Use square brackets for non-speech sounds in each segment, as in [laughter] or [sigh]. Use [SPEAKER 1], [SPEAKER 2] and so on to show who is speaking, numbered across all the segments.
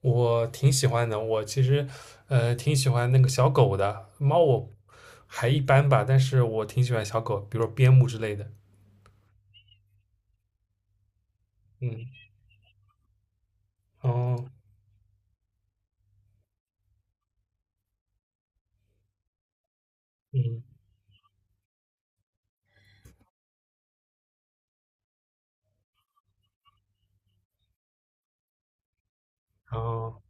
[SPEAKER 1] 我挺喜欢的，我其实挺喜欢那个小狗的，猫我还一般吧，但是我挺喜欢小狗，比如说边牧之类的。嗯，哦，嗯，哦，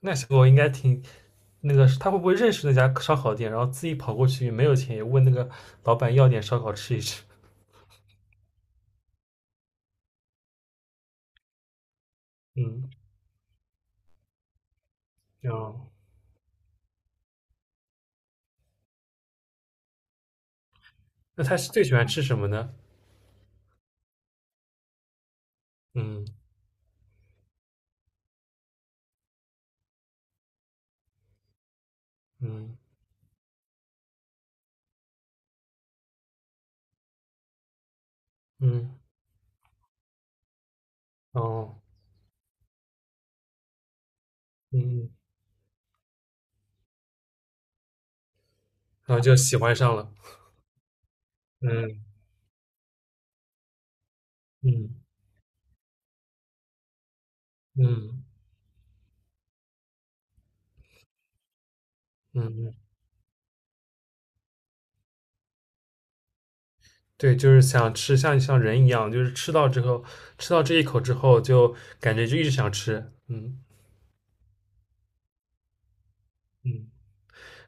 [SPEAKER 1] 那小狗应该挺那个，它会不会认识那家烧烤店，然后自己跑过去没有钱也问那个老板要点烧烤吃一吃？嗯，哦，那它是最喜欢吃什么呢？嗯嗯嗯，哦嗯，然后就喜欢上了。嗯嗯嗯嗯嗯对，就是想吃，像人一样，就是吃到之后，吃到这一口之后，就感觉就一直想吃。嗯嗯，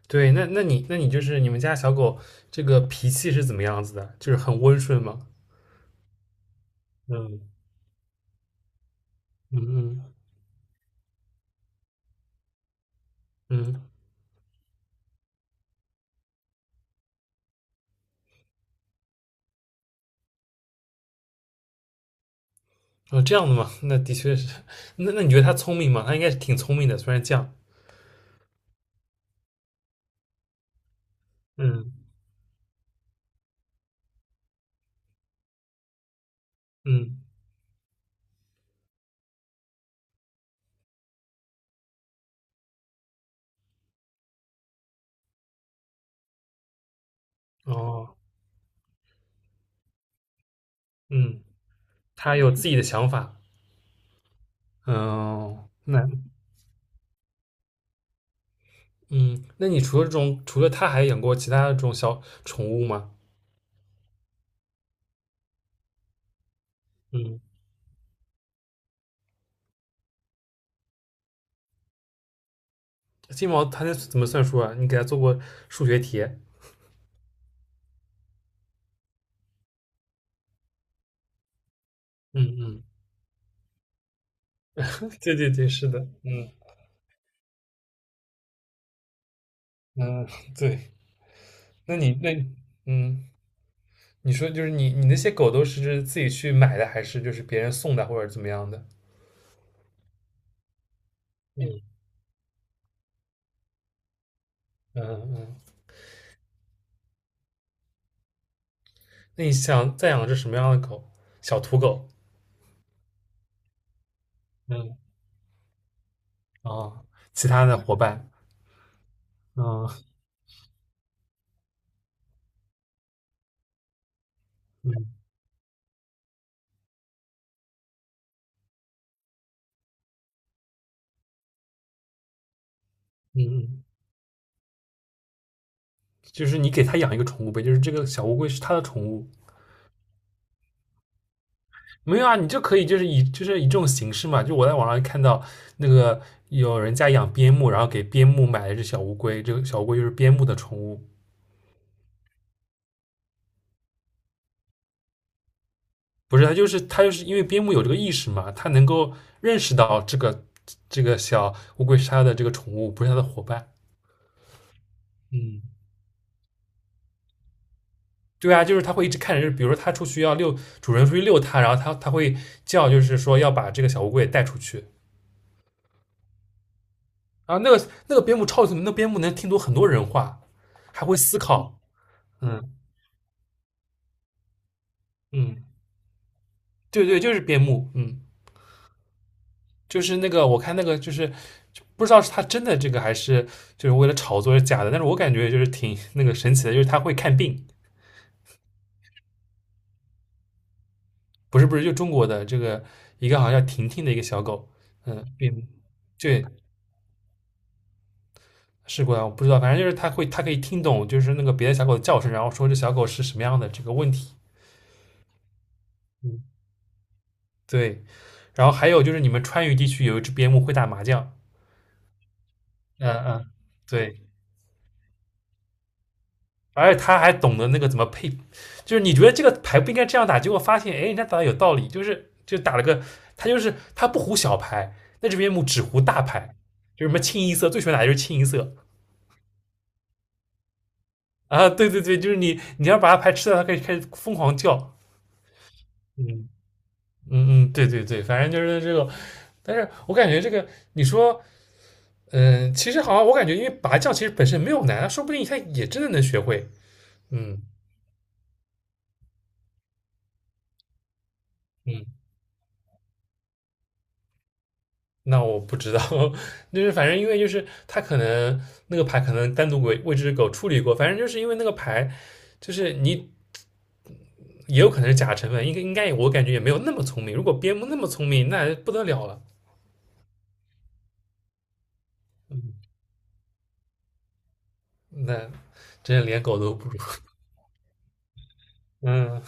[SPEAKER 1] 对，那你就是你们家小狗这个脾气是怎么样子的？就是很温顺吗？嗯嗯嗯嗯，哦，这样的嘛，那的确是。那那你觉得它聪明吗？它应该是挺聪明的，虽然犟。嗯嗯，哦，嗯，它有自己的想法。嗯，那嗯，那你除了这种，除了它还养过其他的这种小宠物吗？嗯。金毛它那怎么算数啊？你给它做过数学题？嗯嗯，对对对，是的，嗯嗯，对。那你那嗯，你说就是你那些狗都是自己去买的，还是就是别人送的，或者怎么样的？嗯嗯嗯。那你想再养只什么样的狗？小土狗。嗯啊，其他的伙伴，嗯嗯嗯嗯，就是你给它养一个宠物呗，就是这个小乌龟是它的宠物，没有啊，你就可以就是以这种形式嘛，就我在网上看到那个有人家养边牧，然后给边牧买了一只小乌龟，这个小乌龟就是边牧的宠物，不是它就是因为边牧有这个意识嘛，它能够认识到这个这个小乌龟是它的这个宠物，不是它的伙伴。嗯，对啊，就是它会一直看着，就是比如说它出去要遛，主人出去遛它，然后它会叫，就是说要把这个小乌龟也带出去。啊。那个那个边牧超聪明，那个边牧能听懂很多人话，还会思考。嗯嗯。对对，就是边牧，嗯，就是那个我看那个就是不知道是他真的这个还是就是为了炒作是假的，但是我感觉就是挺那个神奇的，就是他会看病，不是不是，就中国的这个一个好像叫婷婷的一个小狗，嗯，边牧，对，试过啊，我不知道，反正就是它会它可以听懂就是那个别的小狗的叫声，然后说这小狗是什么样的这个问题，嗯，对，然后还有就是你们川渝地区有一只边牧会打麻将，嗯嗯，对。而且他还懂得那个怎么配，就是你觉得这个牌不应该这样打，结果发现哎，人家打的有道理，就是就打了个他就是他不胡小牌，那这边目只胡大牌，就是什么清一色，最喜欢打的就是清一色啊，对对对，就是你要把他牌吃掉，他可以开始疯狂叫，嗯嗯嗯，对对对，反正就是这个，但是我感觉这个你说嗯，其实好像我感觉因为拔将其实本身没有难啊，说不定他也真的能学会，嗯嗯。那我不知道，[laughs] 就是反正因为就是他可能那个牌可能单独为这只狗处理过，反正就是因为那个牌，就是你也有可能是假成分，应该我感觉也没有那么聪明。如果边牧那么聪明，那不得了了，嗯那真的连狗都不如。嗯，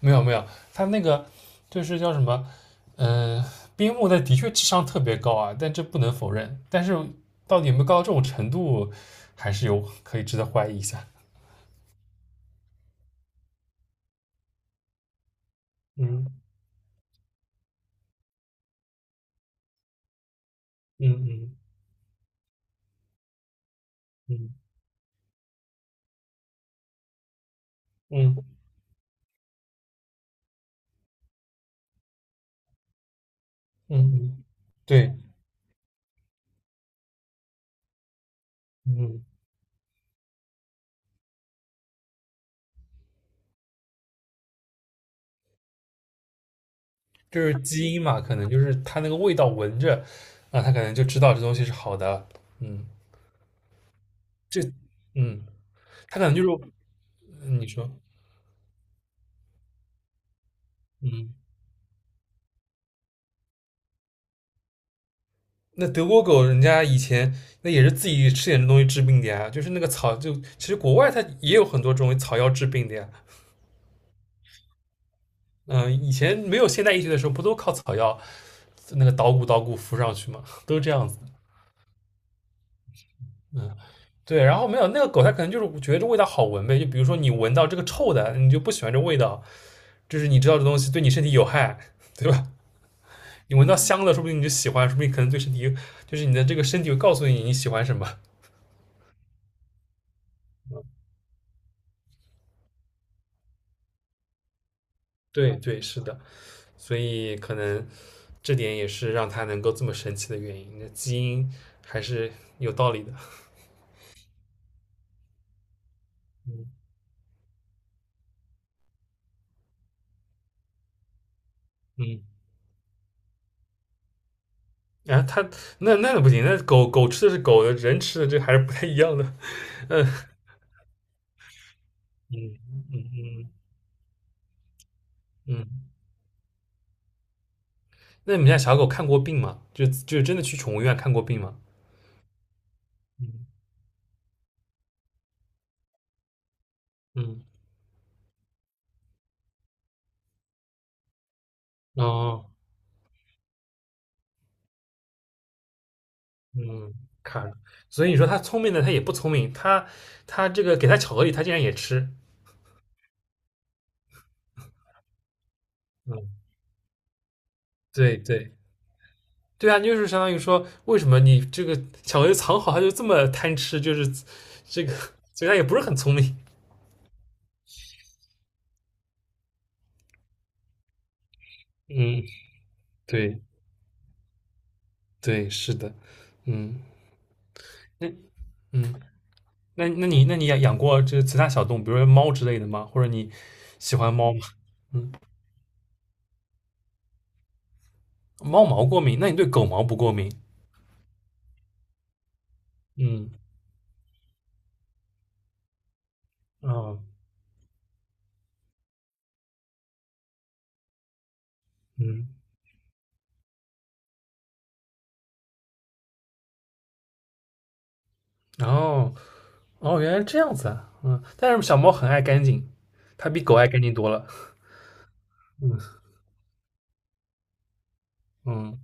[SPEAKER 1] 没有没有，他那个就是叫什么，边牧的确智商特别高啊，但这不能否认。但是到底有没有高到这种程度，还是有可以值得怀疑一下。嗯嗯嗯嗯嗯。嗯嗯嗯，嗯，对，嗯，就是基因嘛，可能就是它那个味道闻着，啊，它可能就知道这东西是好的嗯，这，嗯，它可能就是嗯你说，嗯，那德国狗人家以前那也是自己吃点这东西治病的呀，就是那个草就，其实国外它也有很多这种草药治病的呀。嗯，以前没有现代医学的时候，不都靠草药那个捣鼓捣鼓敷上去嘛，都这样子。嗯。对，然后没有那个狗，它可能就是觉得这味道好闻呗。就比如说你闻到这个臭的，你就不喜欢这味道，就是你知道这东西对你身体有害，对吧？你闻到香的，说不定你就喜欢，说不定可能对身体，就是你的这个身体会告诉你你喜欢什么。对对，是的，所以可能这点也是让它能够这么神奇的原因。那基因还是有道理的。嗯嗯，然后它那那不行，那狗狗吃的是狗的，人吃的这还是不太一样的。嗯嗯嗯嗯嗯。那你们家小狗看过病吗？就就真的去宠物医院看过病吗？嗯嗯哦嗯，看了，所以你说它聪明的，它也不聪明，它这个给它巧克力，它竟然也吃，嗯，对对对啊，就是相当于说，为什么你这个巧克力藏好，它就这么贪吃，就是这个，所以它也不是很聪明，嗯，对对，是的，嗯，那嗯，那你养过这其他小动物，比如说猫之类的吗？或者你喜欢猫吗？嗯。猫毛过敏，那你对狗毛不过敏？嗯，哦，嗯，哦，哦，原来这样子啊，嗯，但是小猫很爱干净，它比狗爱干净多了。嗯，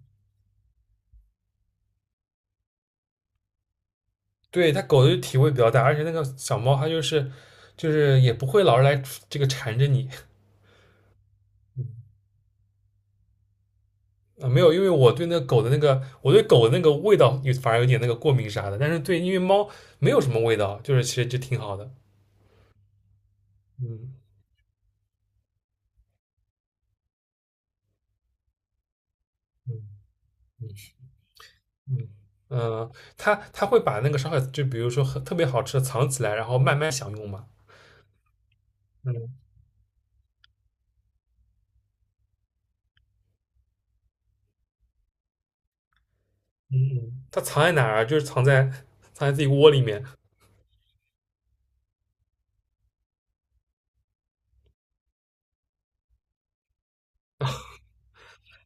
[SPEAKER 1] 对，它狗的体味比较大，而且那个小猫它就是就是也不会老是来这个缠着你。啊，没有，因为我对那个狗的那个，我对狗的那个味道有反而有点那个过敏啥的，但是对，因为猫没有什么味道，就是其实就挺好的。嗯嗯嗯，嗯，嗯，他会把那个烧烤，就比如说很特别好吃的藏起来，然后慢慢享用嘛。嗯嗯嗯，他藏在哪儿啊？就是藏在藏在自己窝里面。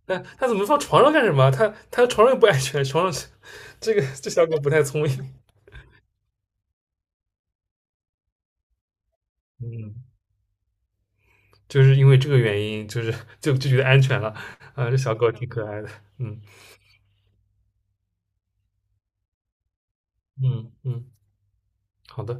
[SPEAKER 1] 那他怎么放床上干什么啊？他床上又不安全，床上 [laughs] 这个这小狗不太聪明。嗯，就是因为这个原因，就是就觉得安全了。啊，这小狗挺可爱的。嗯嗯嗯，好的。